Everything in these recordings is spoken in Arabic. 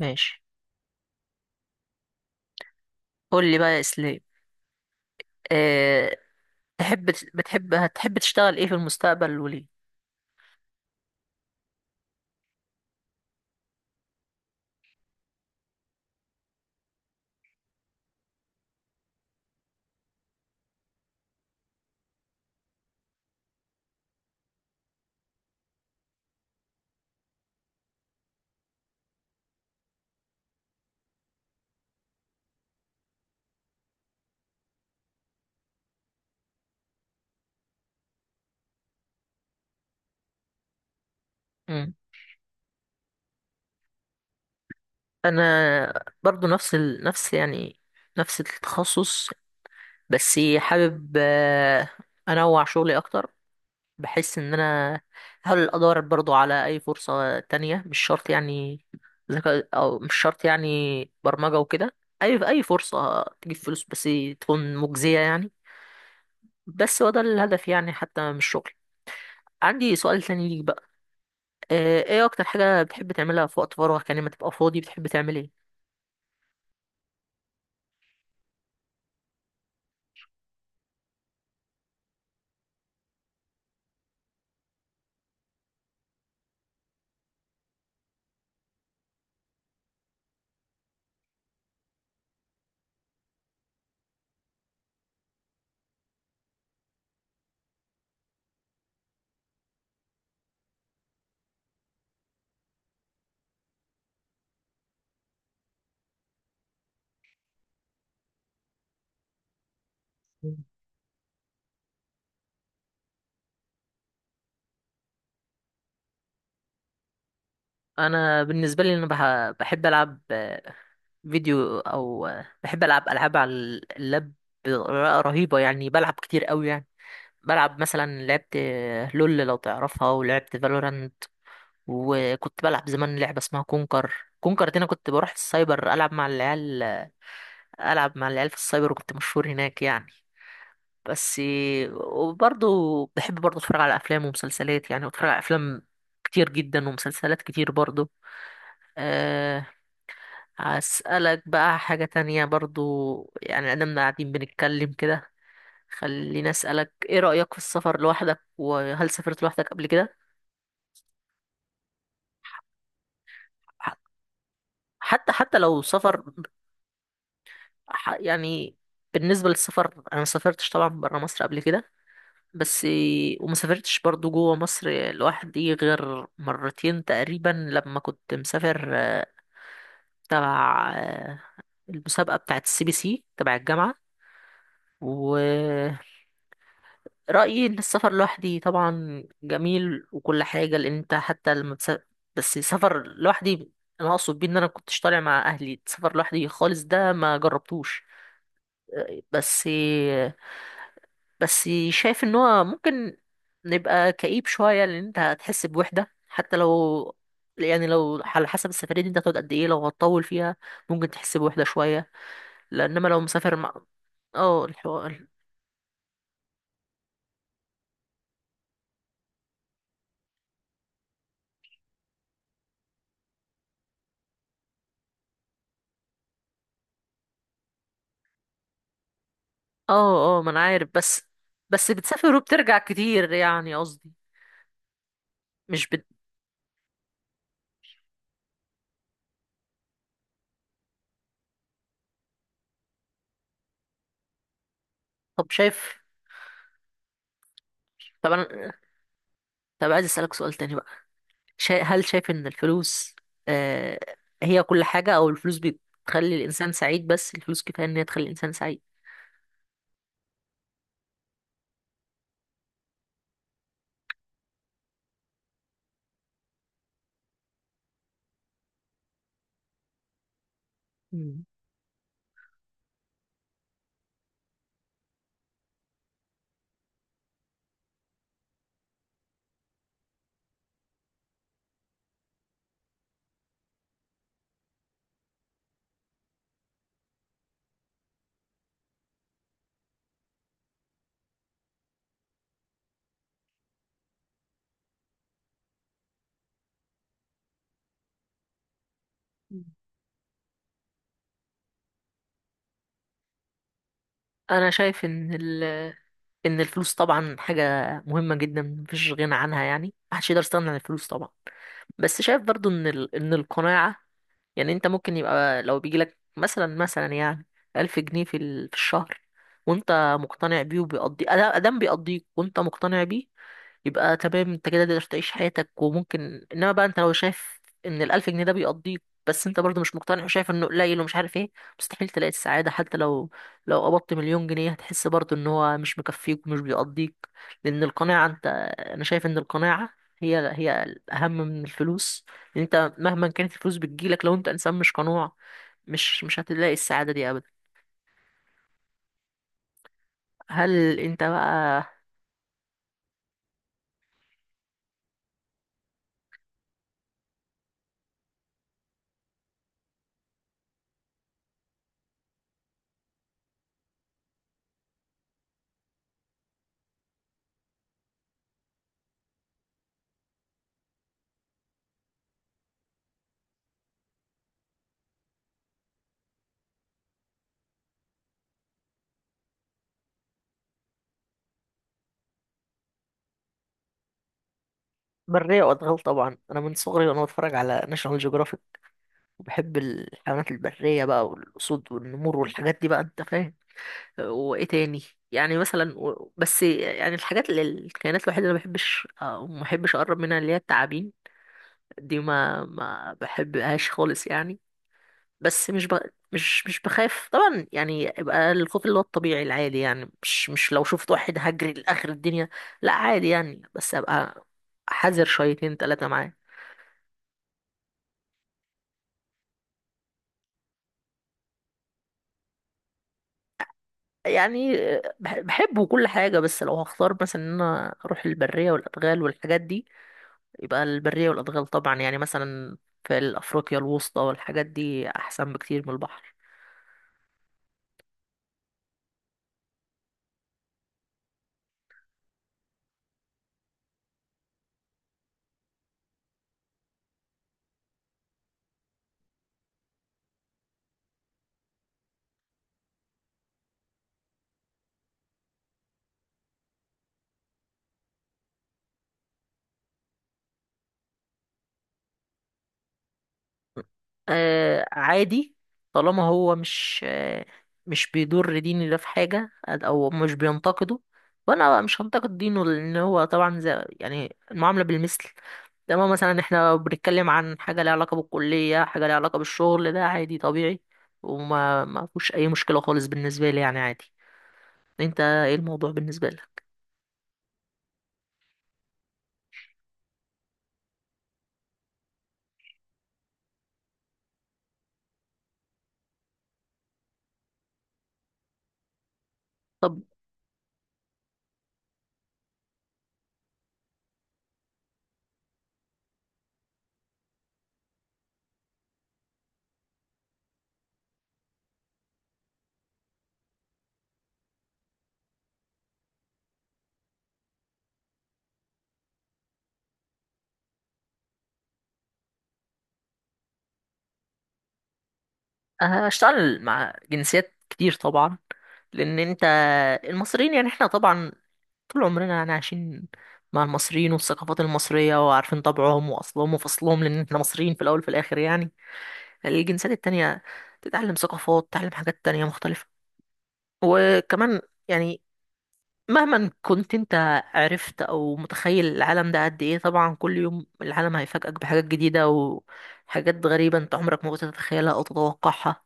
ماشي. قول لي بقى يا اسلام. أه... تحب بتحب هتحب تشتغل ايه في المستقبل وليه؟ مم. انا برضو نفس التخصص، بس حابب انوع شغلي اكتر. بحس ان انا هحاول ادور برضو على اي فرصة تانية، مش شرط يعني ذكاء او مش شرط يعني برمجة وكده. اي فرصة تجيب فلوس بس تكون مجزية يعني. بس هو ده الهدف يعني حتى من الشغل. عندي سؤال تاني ليك بقى. ايه اكتر حاجة بتحب تعملها في وقت فراغك؟ يعني لما تبقى فاضي بتحب تعمل ايه؟ مم. انا بالنسبة لي انا بحب العب فيديو، او آه، بحب العب العاب على اللاب بطريقة رهيبة يعني، بلعب كتير قوي يعني. بلعب مثلا لعبت لول لو تعرفها، ولعبت فالورانت. وكنت بلعب زمان لعبة اسمها كونكر. كونكر دي انا كنت بروح السايبر العب مع العيال، العب مع العيال في السايبر، وكنت مشهور هناك يعني. بس. وبرضه بحب برضه اتفرج على افلام ومسلسلات، يعني بتفرج على افلام كتير جدا ومسلسلات كتير برضه. أه هسألك بقى حاجة تانية برضه، يعني أنا قاعدين بنتكلم كده، خليني أسألك: إيه رأيك في السفر لوحدك، وهل سافرت لوحدك قبل كده؟ ح- حتى لو سفر. يعني بالنسبة للسفر، أنا مسافرتش طبعا برا مصر قبل كده، بس. وما سافرتش برضو جوه مصر لوحدي غير مرتين تقريبا، لما كنت مسافر تبع المسابقة بتاعة السي بي سي تبع الجامعة. ورأيي إن السفر لوحدي طبعا جميل وكل حاجة، لأن أنت حتى لما بس سفر لوحدي، أنا أقصد بيه إن أنا كنتش طالع مع أهلي، السفر لوحدي خالص ده ما جربتوش. آه، بس بس شايف ان هو ممكن نبقى كئيب شوية، لان انت هتحس بوحدة، حتى لو يعني لو على حسب السفرية دي انت هتقعد قد ايه، لو هتطول فيها ممكن تحس بوحدة شوية، لانما لو مسافر مع... اه، الحوار. اه، اه، ما انا عارف، بس بتسافر وبترجع كتير يعني قصدي. مش بت... طب شايف طب انا طب عايز اسألك سؤال تاني بقى. هل شايف ان الفلوس آه... هي كل حاجة، او الفلوس بتخلي الانسان سعيد؟ بس الفلوس كفاية ان هي تخلي الانسان سعيد؟ مم. انا شايف ان الفلوس طبعا حاجه مهمه جدا، مفيش غنى عنها، يعني محدش يقدر يستغنى عن الفلوس طبعا. بس شايف برضو ان القناعه، يعني انت ممكن يبقى، لو بيجي لك مثلا يعني 1000 جنيه في الشهر، وانت مقتنع بيه، وبيقضي ادام بيقضيك وانت مقتنع بيه، يبقى تمام. انت كده تقدر تعيش حياتك. وممكن انما بقى انت لو شايف ان الالف جنيه ده بيقضيك، بس انت برضه مش مقتنع وشايف انه قليل ومش عارف ايه، مستحيل تلاقي السعادة. حتى لو قبضت مليون جنيه، هتحس برضه ان هو مش مكفيك ومش بيقضيك. لان القناعة انت، انا شايف ان القناعة هي الاهم من الفلوس. لان انت مهما كانت الفلوس بتجيلك، لو انت انسان مش قنوع، مش هتلاقي السعادة دي ابدا. هل انت بقى... برية وادغال طبعا. انا من صغري وانا بتفرج على ناشونال جيوغرافيك، وبحب الحيوانات البرية بقى، والأسود والنمور والحاجات دي بقى، أنت فاهم. وإيه تاني؟ يعني مثلا، بس يعني الحاجات اللي الكائنات الوحيدة اللي ما بحبش، ما بحبش أقرب منها، اللي هي التعابين دي، ما بحبهاش خالص يعني. بس مش ب... مش بخاف طبعا يعني، يبقى الخوف اللي هو الطبيعي العادي يعني، مش لو شفت واحد هجري لآخر الدنيا لا، عادي يعني، بس أبقى حذر شويتين تلاتة معاه. يعني بحبه وكل حاجة، بس لو هختار مثلا ان انا اروح البرية والادغال والحاجات دي، يبقى البرية والادغال طبعا يعني. مثلا في افريقيا الوسطى والحاجات دي احسن بكتير من البحر. آه، عادي، طالما هو مش بيضر ديني ده في حاجة، أو مش بينتقده، وأنا مش هنتقد دينه، لأن هو طبعا زي يعني المعاملة بالمثل. لما مثلا احنا بنتكلم عن حاجة ليها علاقة بالكلية، حاجة ليها علاقة بالشغل، ده عادي طبيعي، وما ما فيهوش أي مشكلة خالص بالنسبة لي يعني عادي. أنت إيه الموضوع بالنسبة لك؟ طب هشتغل مع جنسيات كتير طبعا. لأن أنت، المصريين يعني احنا طبعا طول عمرنا يعني عايشين مع المصريين والثقافات المصرية، وعارفين طبعهم وأصلهم وفصلهم، لأن احنا مصريين في الأول وفي الآخر يعني. يعني الجنسيات التانية تتعلم ثقافات، تتعلم حاجات تانية مختلفة. وكمان يعني مهما كنت انت عرفت او متخيل العالم ده قد ايه، طبعا كل يوم العالم هيفاجئك بحاجات جديدة وحاجات غريبة انت عمرك ما كنت تتخيلها او تتوقعها.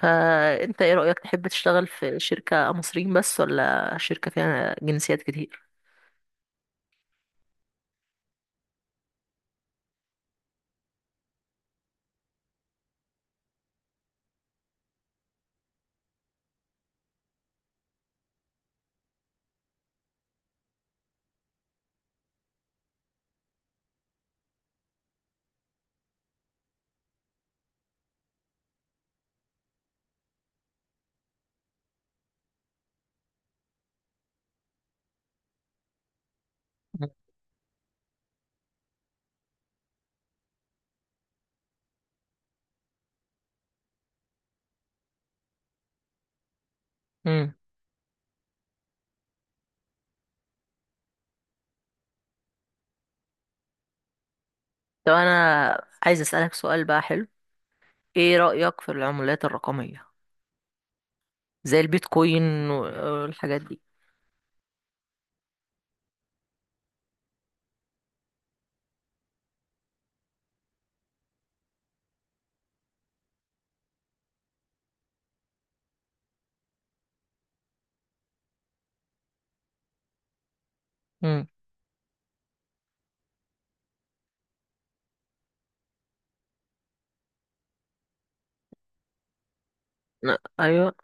فانت ايه رأيك، تحب تشتغل في شركة مصريين بس ولا شركة فيها جنسيات كتير؟ مم. طب انا عايز اسالك سؤال بقى حلو، ايه رايك في العملات الرقميه زي البيتكوين والحاجات دي؟ امم ايوه.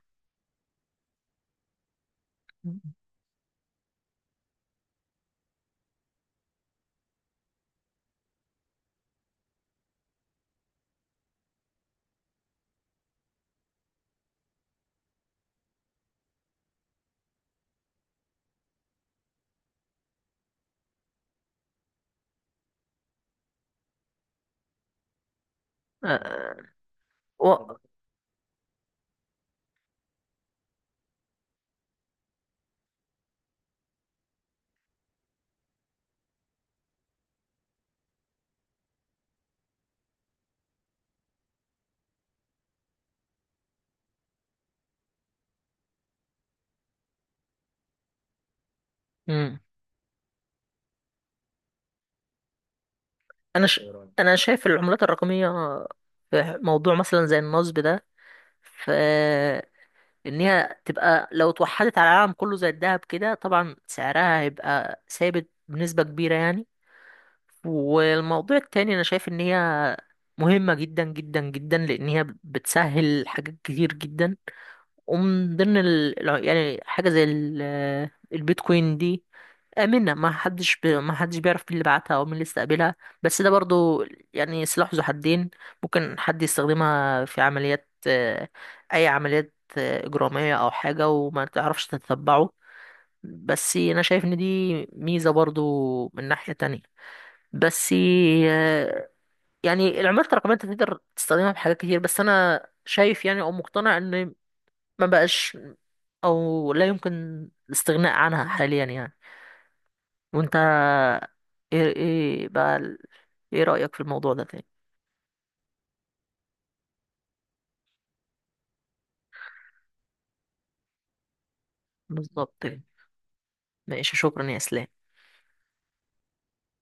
آه، و... مم. انا ش... انا شايف العملات الرقميه، في موضوع مثلا زي النصب ده، في انها تبقى لو اتوحدت على العالم كله زي الذهب كده طبعا سعرها هيبقى ثابت بنسبه كبيره يعني. والموضوع التاني انا شايف ان هي مهمة جدا جدا جدا، لان هي بتسهل حاجات كتير جدا. ومن ضمن يعني حاجة زي البيتكوين دي، آمنة، ما حدش بيعرف مين اللي بعتها او مين اللي استقبلها. بس ده برضو يعني سلاح ذو حدين، ممكن حد يستخدمها في عمليات، اي عمليات إجرامية او حاجة وما تعرفش تتبعه. بس انا شايف ان دي ميزة برضو من ناحية تانية. بس يعني العملة الرقمية انت تقدر تستخدمها في حاجات كتير، بس انا شايف يعني او مقتنع ان ما بقاش او لا يمكن الاستغناء عنها حاليا يعني. وانت، ايه ايه رأيك في الموضوع ده تاني؟ بالظبط كده. ماشي، شكرا يا اسلام.